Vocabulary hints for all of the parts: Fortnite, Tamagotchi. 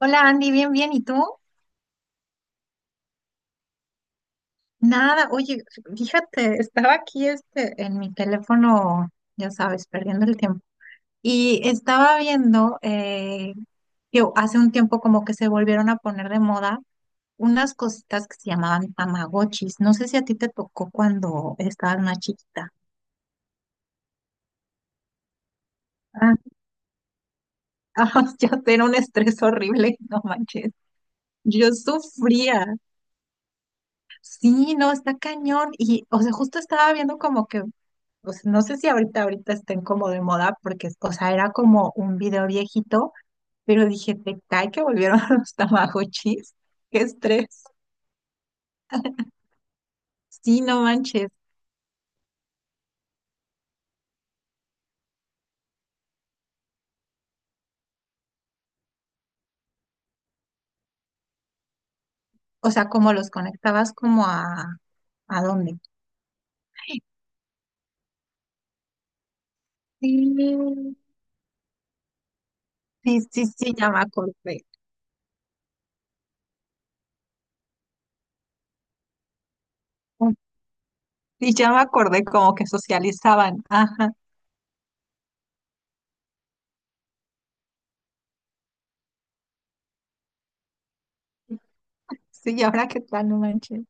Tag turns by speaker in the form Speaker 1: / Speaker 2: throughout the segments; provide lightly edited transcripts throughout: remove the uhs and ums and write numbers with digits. Speaker 1: Hola Andy, bien, bien. ¿Y tú? Nada, oye, fíjate, estaba aquí este, en mi teléfono, ya sabes, perdiendo el tiempo. Y estaba viendo, que hace un tiempo como que se volvieron a poner de moda unas cositas que se llamaban tamagotchis. No sé si a ti te tocó cuando estabas más chiquita. Ah, ah, ya era un estrés horrible, no manches. Yo sufría. Sí, no, está cañón. Justo estaba viendo como que, o sea, no sé si ahorita estén como de moda, porque, o sea, era como un video viejito, pero dije, te cae que volvieron los Tamagotchis. Qué estrés. Sí, no manches. O sea, como los conectabas como ¿a dónde? Sí, sí, sí, sí, ya me acordé. Sí, ya me acordé como que socializaban. Ajá. Sí, y ahora qué tal, no manches.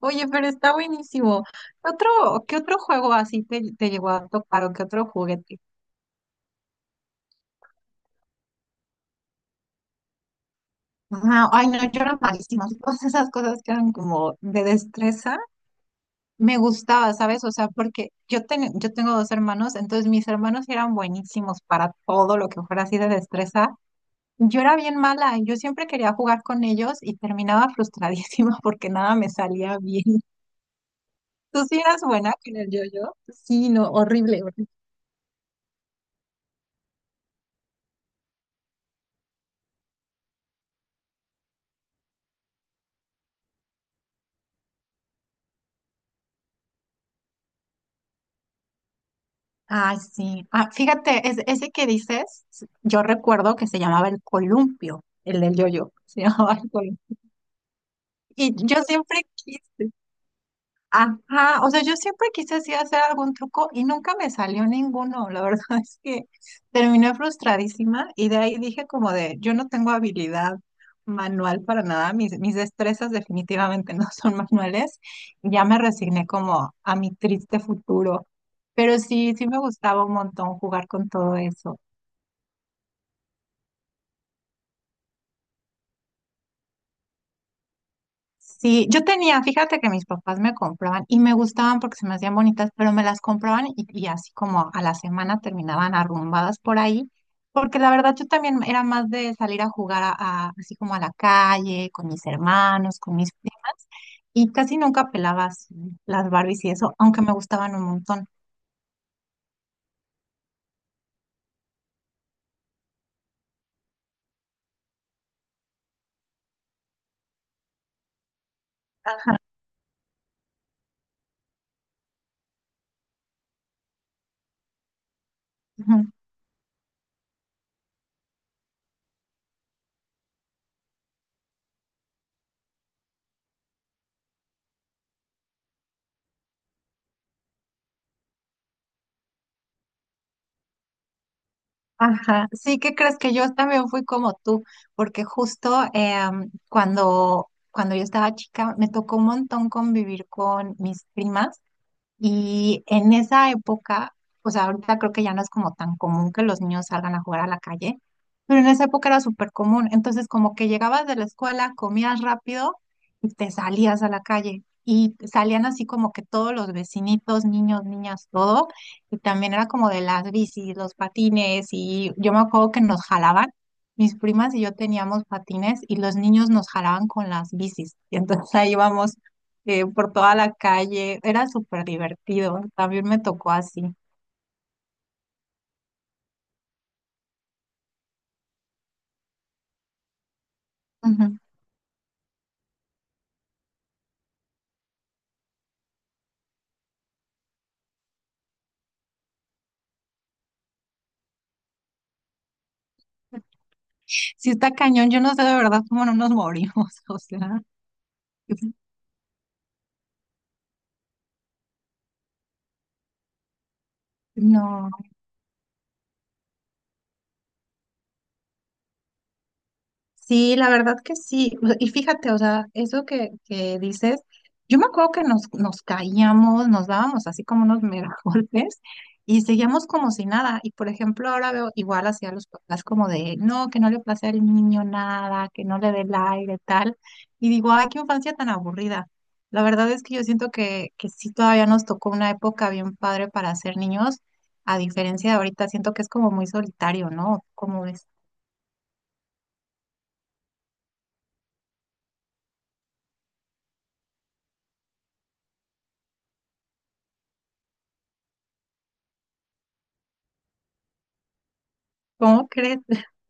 Speaker 1: Oye, pero está buenísimo. ¿Qué otro juego así te llegó a tocar o qué otro juguete? Ah, ay, no, yo era malísima. Todas esas cosas que eran como de destreza, me gustaba, ¿sabes? O sea, porque yo, yo tengo dos hermanos, entonces mis hermanos eran buenísimos para todo lo que fuera así de destreza. Yo era bien mala, yo siempre quería jugar con ellos y terminaba frustradísima porque nada me salía bien. ¿Tú sí eras buena con el yo-yo? Sí, no, horrible, horrible. Ah, sí. Ah, fíjate, ese que dices, yo recuerdo que se llamaba el columpio, el del yoyo, se llamaba el columpio. Y yo siempre quise. Ajá, o sea, yo siempre quise así hacer algún truco y nunca me salió ninguno. La verdad es que terminé frustradísima y de ahí dije como de, yo no tengo habilidad manual para nada, mis destrezas definitivamente no son manuales. Y ya me resigné como a mi triste futuro, pero sí, sí me gustaba un montón jugar con todo eso. Sí, yo tenía, fíjate que mis papás me compraban y me gustaban porque se me hacían bonitas, pero me las compraban y así como a la semana terminaban arrumbadas por ahí, porque la verdad yo también era más de salir a jugar a, así como a la calle, con mis hermanos, con mis primas, y casi nunca pelabas las Barbies y eso, aunque me gustaban un montón. Ajá. Ajá, sí, qué crees que yo también fui como tú, porque justo cuando, cuando yo estaba chica me tocó un montón convivir con mis primas y en esa época, o sea, ahorita creo que ya no es como tan común que los niños salgan a jugar a la calle, pero en esa época era súper común. Entonces, como que llegabas de la escuela, comías rápido y te salías a la calle. Y salían así como que todos los vecinitos, niños, niñas, todo. Y también era como de las bicis, los patines. Y yo me acuerdo que nos jalaban. Mis primas y yo teníamos patines y los niños nos jalaban con las bicis. Y entonces ahí íbamos por toda la calle. Era súper divertido. También me tocó así. Ujú. Sí, está cañón. Yo no sé de verdad cómo no nos morimos. O sea, no. Sí, la verdad que sí. O sea, y fíjate, o sea, eso que dices, yo me acuerdo que nos, nos caíamos, nos dábamos así como unos mega golpes y seguíamos como si nada. Y por ejemplo, ahora veo igual hacia los papás como de, no, que no le place al niño nada, que no le dé el aire, tal. Y digo, ay, qué infancia tan aburrida. La verdad es que yo siento que sí todavía nos tocó una época bien padre para ser niños, a diferencia de ahorita, siento que es como muy solitario, ¿no? ¿Cómo ves? ¿Cómo crees?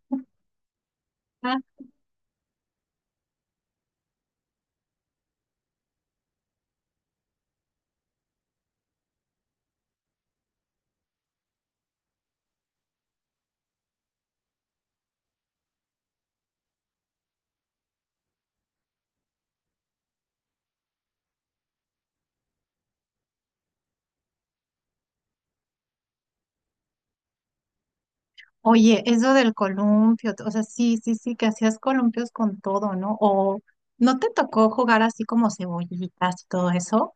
Speaker 1: Oye, eso del columpio, o sea, sí, sí, sí, que hacías columpios con todo, ¿no? O no te tocó jugar así como cebollitas y todo eso.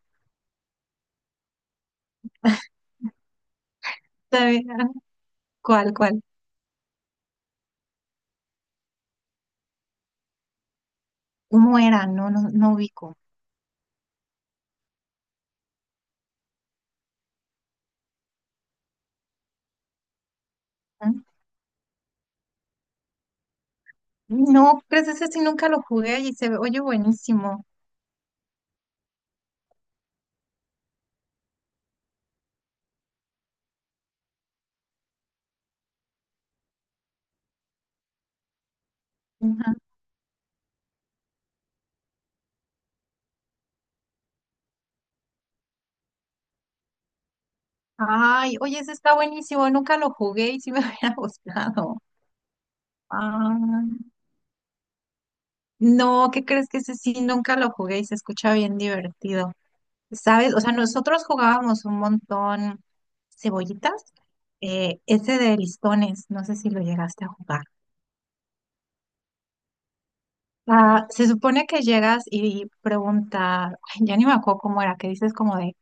Speaker 1: Te- ¿Cuál, cuál? ¿Cómo era? No, no, no ubico. ¿Mm? No, pues ese sí nunca lo jugué y se ve, oye, buenísimo. Ujú. Ay, oye, ese está buenísimo, nunca lo jugué y sí me hubiera gustado. Ah, no, ¿qué crees que ese sí nunca lo jugué y se escucha bien divertido? ¿Sabes? O sea, nosotros jugábamos un montón cebollitas, ese de listones, no sé si lo llegaste a jugar. Ah, se supone que llegas y preguntas, ay, ya ni me acuerdo cómo era, que dices como de,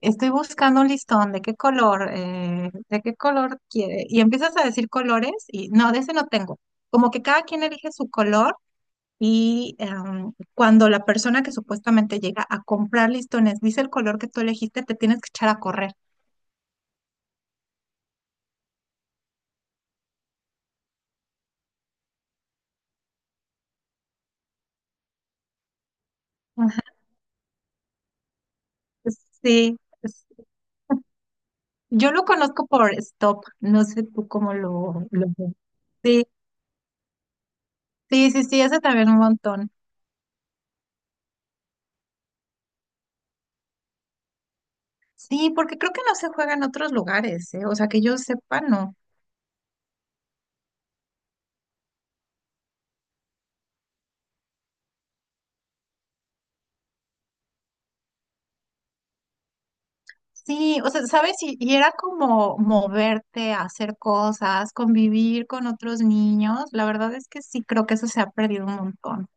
Speaker 1: estoy buscando un listón, ¿de qué color? ¿De qué color quiere? Y empiezas a decir colores y no, de ese no tengo. Como que cada quien elige su color y cuando la persona que supuestamente llega a comprar listones dice el color que tú elegiste, te tienes que echar a correr. Sí, es- yo lo conozco por Stop, no sé tú cómo lo ves. Sí, sí, sí, sí, ese también un montón. Sí, porque creo que no se juega en otros lugares, ¿eh? O sea, que yo sepa, no. Sí, o sea, ¿sabes? Y era como moverte, hacer cosas, convivir con otros niños. La verdad es que sí, creo que eso se ha perdido un montón.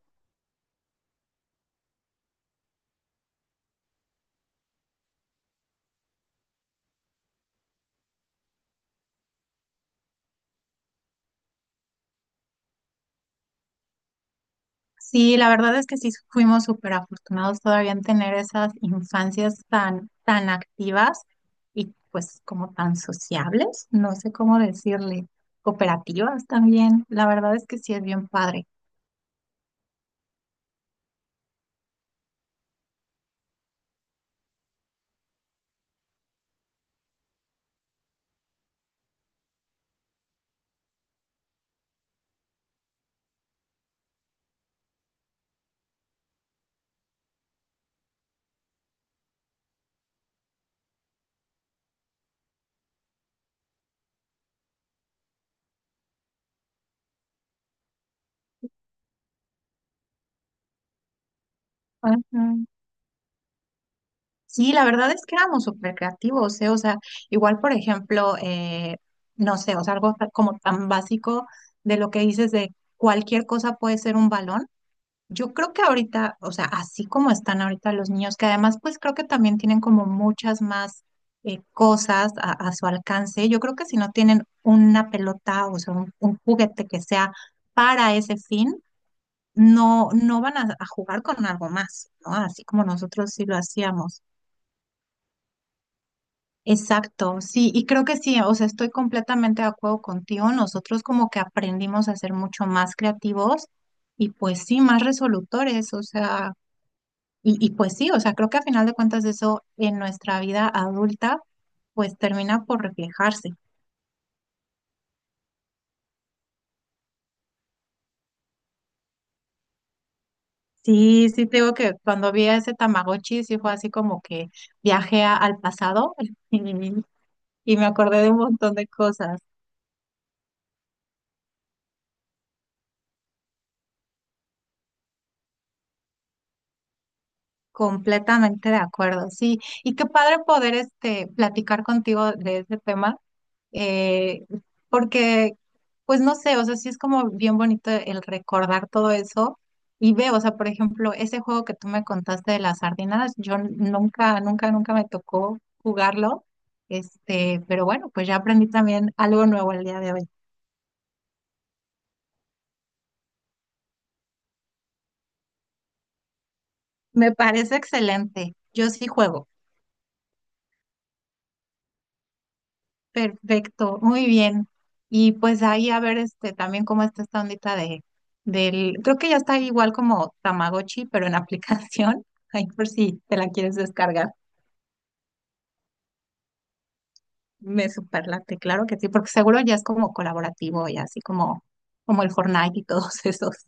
Speaker 1: Sí, la verdad es que sí fuimos súper afortunados todavía en tener esas infancias tan, tan activas y pues como tan sociables, no sé cómo decirle, cooperativas también. La verdad es que sí es bien padre. Ujú. Sí, la verdad es que éramos súper creativos, ¿eh? O sea, igual por ejemplo, no sé, o sea, algo como tan básico de lo que dices de cualquier cosa puede ser un balón. Yo creo que ahorita, o sea, así como están ahorita los niños, que además pues creo que también tienen como muchas más cosas a su alcance, yo creo que si no tienen una pelota, o sea, un juguete que sea para ese fin, no, no van a jugar con algo más, ¿no? Así como nosotros sí lo hacíamos. Exacto, sí, y creo que sí, o sea, estoy completamente de acuerdo contigo, nosotros como que aprendimos a ser mucho más creativos y pues sí, más resolutores, o sea... Y, y pues sí, o sea, creo que a final de cuentas eso en nuestra vida adulta pues termina por reflejarse. Sí, sí, te digo que cuando vi a ese Tamagotchi sí fue así como que viajé al pasado y, y me acordé de un montón de cosas. Completamente de acuerdo, sí. Y qué padre poder este platicar contigo de ese tema, eh, porque, pues no sé, o sea, sí es como bien bonito el recordar todo eso y veo, o sea, por ejemplo, ese juego que tú me contaste de las sardinas, yo nunca, nunca, nunca me tocó jugarlo, este, pero bueno, pues ya aprendí también algo nuevo el día de hoy. Me parece excelente. Yo sí juego. Perfecto, muy bien. Y pues ahí a ver este también cómo está esta ondita de del, creo que ya está igual como Tamagotchi, pero en aplicación. Ahí por si te la quieres descargar. Me superlate, claro que sí, porque seguro ya es como colaborativo y así como, como el Fortnite y todos esos.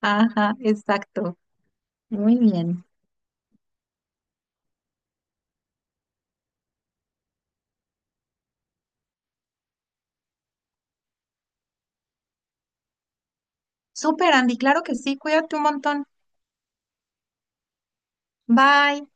Speaker 1: Ajá, exacto. Muy bien. Súper, Andy, claro que sí, cuídate un montón. Bye.